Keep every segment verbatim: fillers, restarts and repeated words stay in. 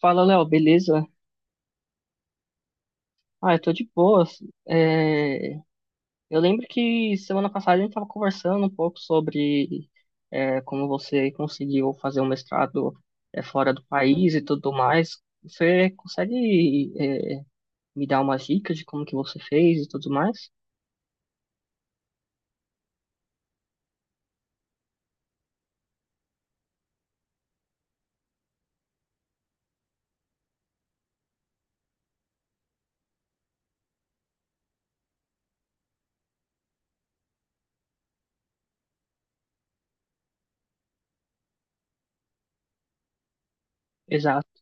Fala, Léo, beleza? Ah, eu tô de boas. É, eu lembro que semana passada a gente tava conversando um pouco sobre é, como você conseguiu fazer um mestrado é, fora do país e tudo mais. Você consegue é, me dar umas dicas de como que você fez e tudo mais? Exato.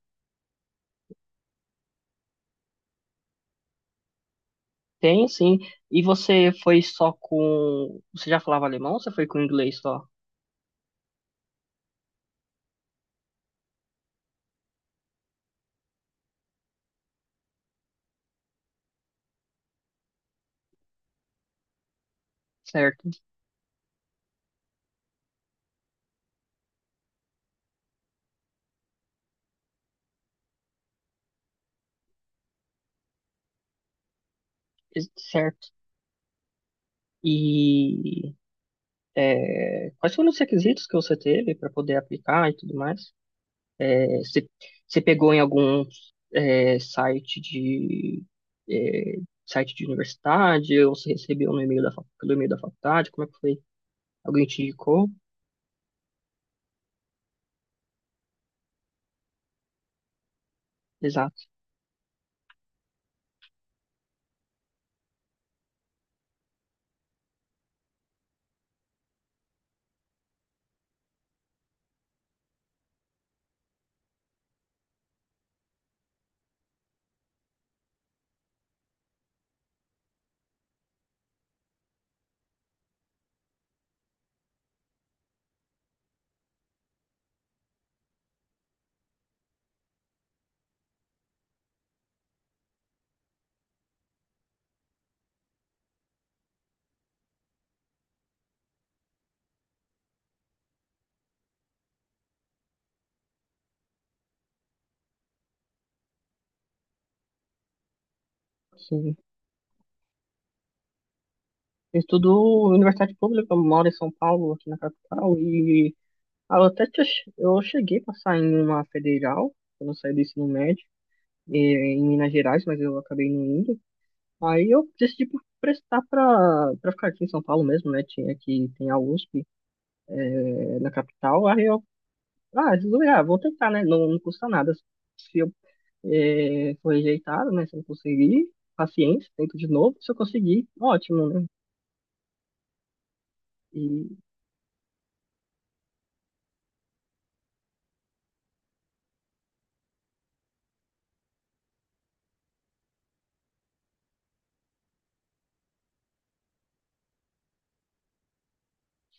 Tem, sim. E você foi só com... Você já falava alemão ou você foi com inglês só? Certo. Certo. E... É, quais foram os requisitos que você teve para poder aplicar e tudo mais? É, você, você pegou em algum é, site de é, site de universidade ou você recebeu no e-mail da, fac- pelo e-mail da faculdade? Como é que foi? Alguém te indicou? Exato. Sim. Eu estudo em universidade pública, eu moro em São Paulo, aqui na capital, e ah, eu até te eu cheguei a passar em uma federal, quando eu saí do ensino médio, eh, em Minas Gerais, mas eu acabei não indo. Aí eu decidi por prestar pra, pra ficar aqui em São Paulo mesmo, né? Tinha aqui, tem a USP, é, na capital. Aí eu, ah, resolvi, ah, vou tentar, né? Não, não custa nada. Se eu é, for rejeitado, né? Se eu não conseguir, paciência, tento de novo. Se eu conseguir, ótimo, né? E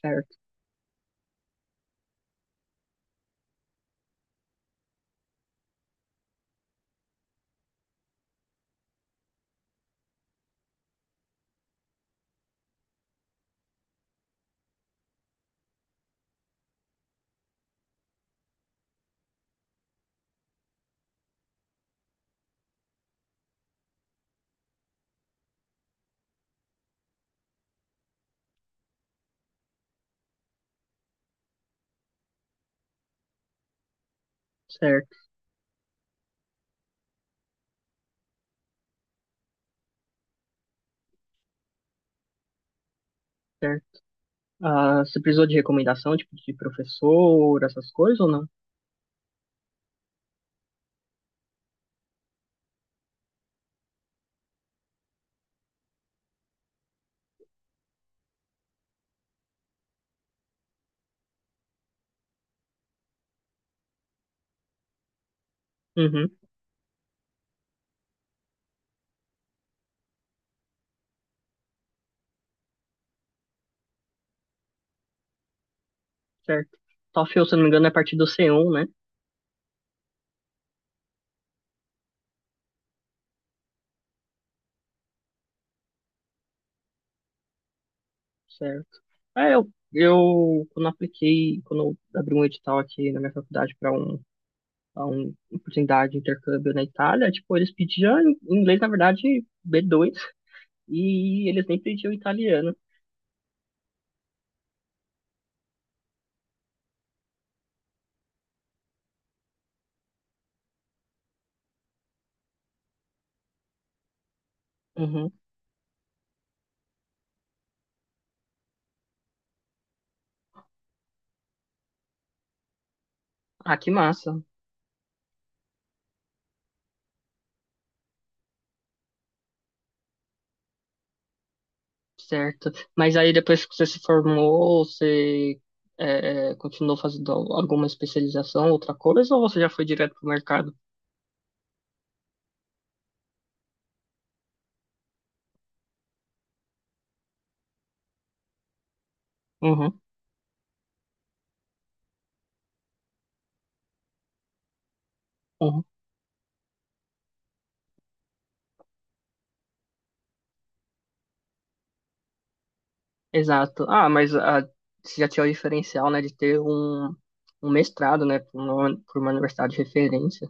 certo, certo, certo. Ah, você precisou de recomendação, tipo, de professor, essas coisas ou não? Uhum, certo. TOEFL, se eu não me engano, é a partir do c um, né? Certo. É, eu, eu quando apliquei, quando eu abri um edital aqui na minha faculdade para um, pra um oportunidade de intercâmbio na Itália, tipo, eles pediam em inglês, na verdade, b dois, e eles nem pediam italiano. Uhum. Ah, que massa. Certo. Mas aí depois que você se formou, você é, é, continuou fazendo alguma especialização, outra coisa, ou você já foi direto pro mercado? Uhum. Exato. Ah, mas ah, você já tinha o diferencial, né, de ter um, um mestrado, né, por uma, por uma universidade de referência.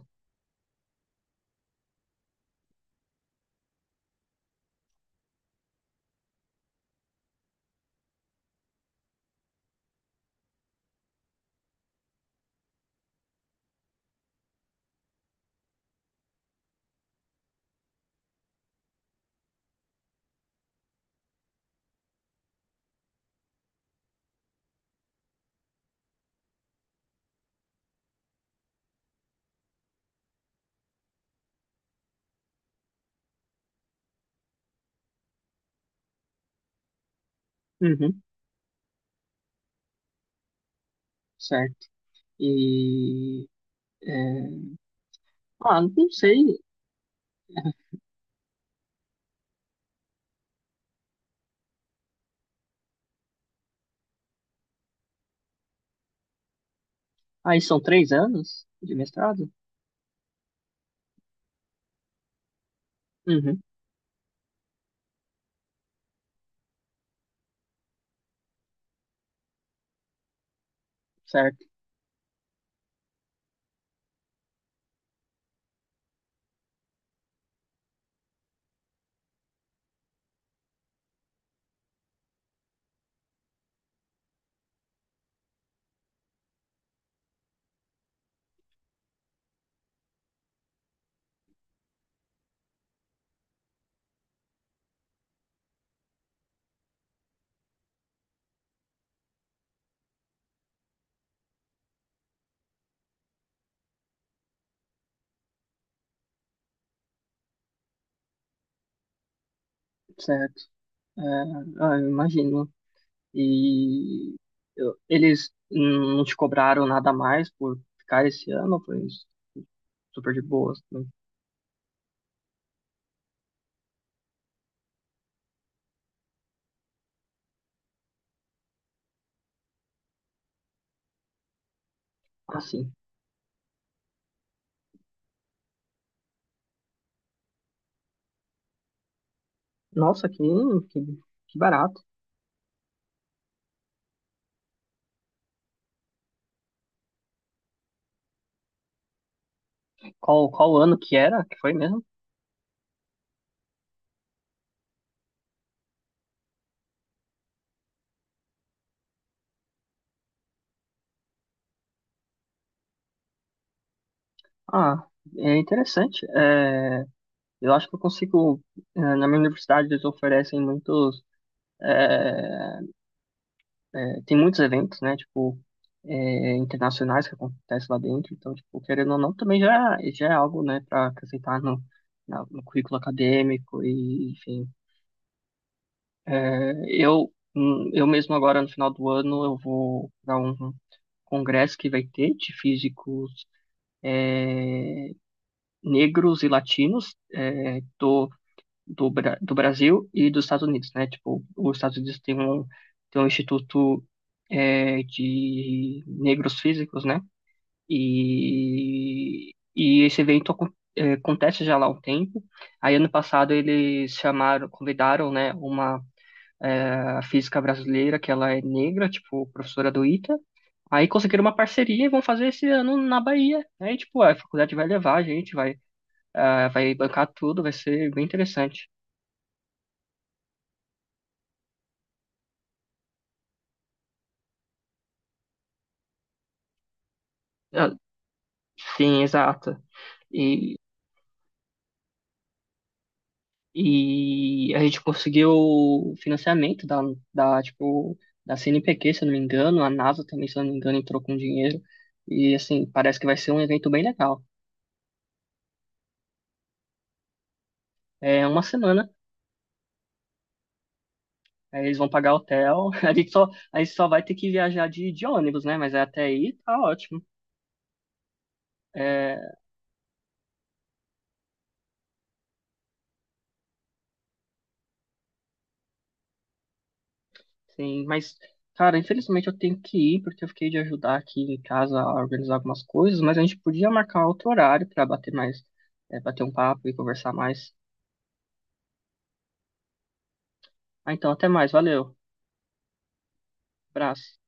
Uhum, certo. E, é, ah, não sei. Aí são três anos de mestrado? Uhum, certo, certo. É, ah, eu imagino. E eu- eles não te cobraram nada mais por ficar esse ano, foi super de boas, né? Assim. Nossa, que, que, que barato. Qual, qual ano que era? Que foi mesmo? Ah, é interessante. É, eu acho que eu consigo. é, Na minha universidade, eles oferecem muitos. é, tem muitos eventos, né? Tipo, é, internacionais que acontecem lá dentro. Então, tipo, querendo ou não, também já, já é algo, né, para acrescentar no, na- no currículo acadêmico. E, enfim. É, Eu, hum, eu mesmo agora, no final do ano, eu vou para um congresso que vai ter de físicos negros e latinos. Estou do, Bra- do Brasil e dos Estados Unidos, né? Tipo, os Estados Unidos tem um, tem um instituto é, de negros físicos, né? E, e esse evento acon- é, acontece já lá há um tempo. Aí, ano passado, eles chamaram, convidaram, né, uma é, física brasileira, que ela é negra, tipo, professora do ITA. Aí conseguiram uma parceria e vão fazer esse ano na Bahia, né? E, tipo, a faculdade vai levar a gente, vai, ah, vai bancar tudo, vai ser bem interessante. Sim, exato. E, e a gente conseguiu o financiamento da, da, tipo, da CNPq, se eu não me engano, a NASA também, se eu não me engano, entrou com dinheiro. E, assim, parece que vai ser um evento bem legal. É uma semana, aí eles vão pagar hotel, a gente só, a gente só vai ter que viajar de, de ônibus, né? Mas é até aí tá ótimo. É, Sim, mas, cara, infelizmente eu tenho que ir, porque eu fiquei de ajudar aqui em casa a organizar algumas coisas, mas a gente podia marcar outro horário para bater mais, é, bater um papo e conversar mais. Ah, então, até mais, valeu, abraço.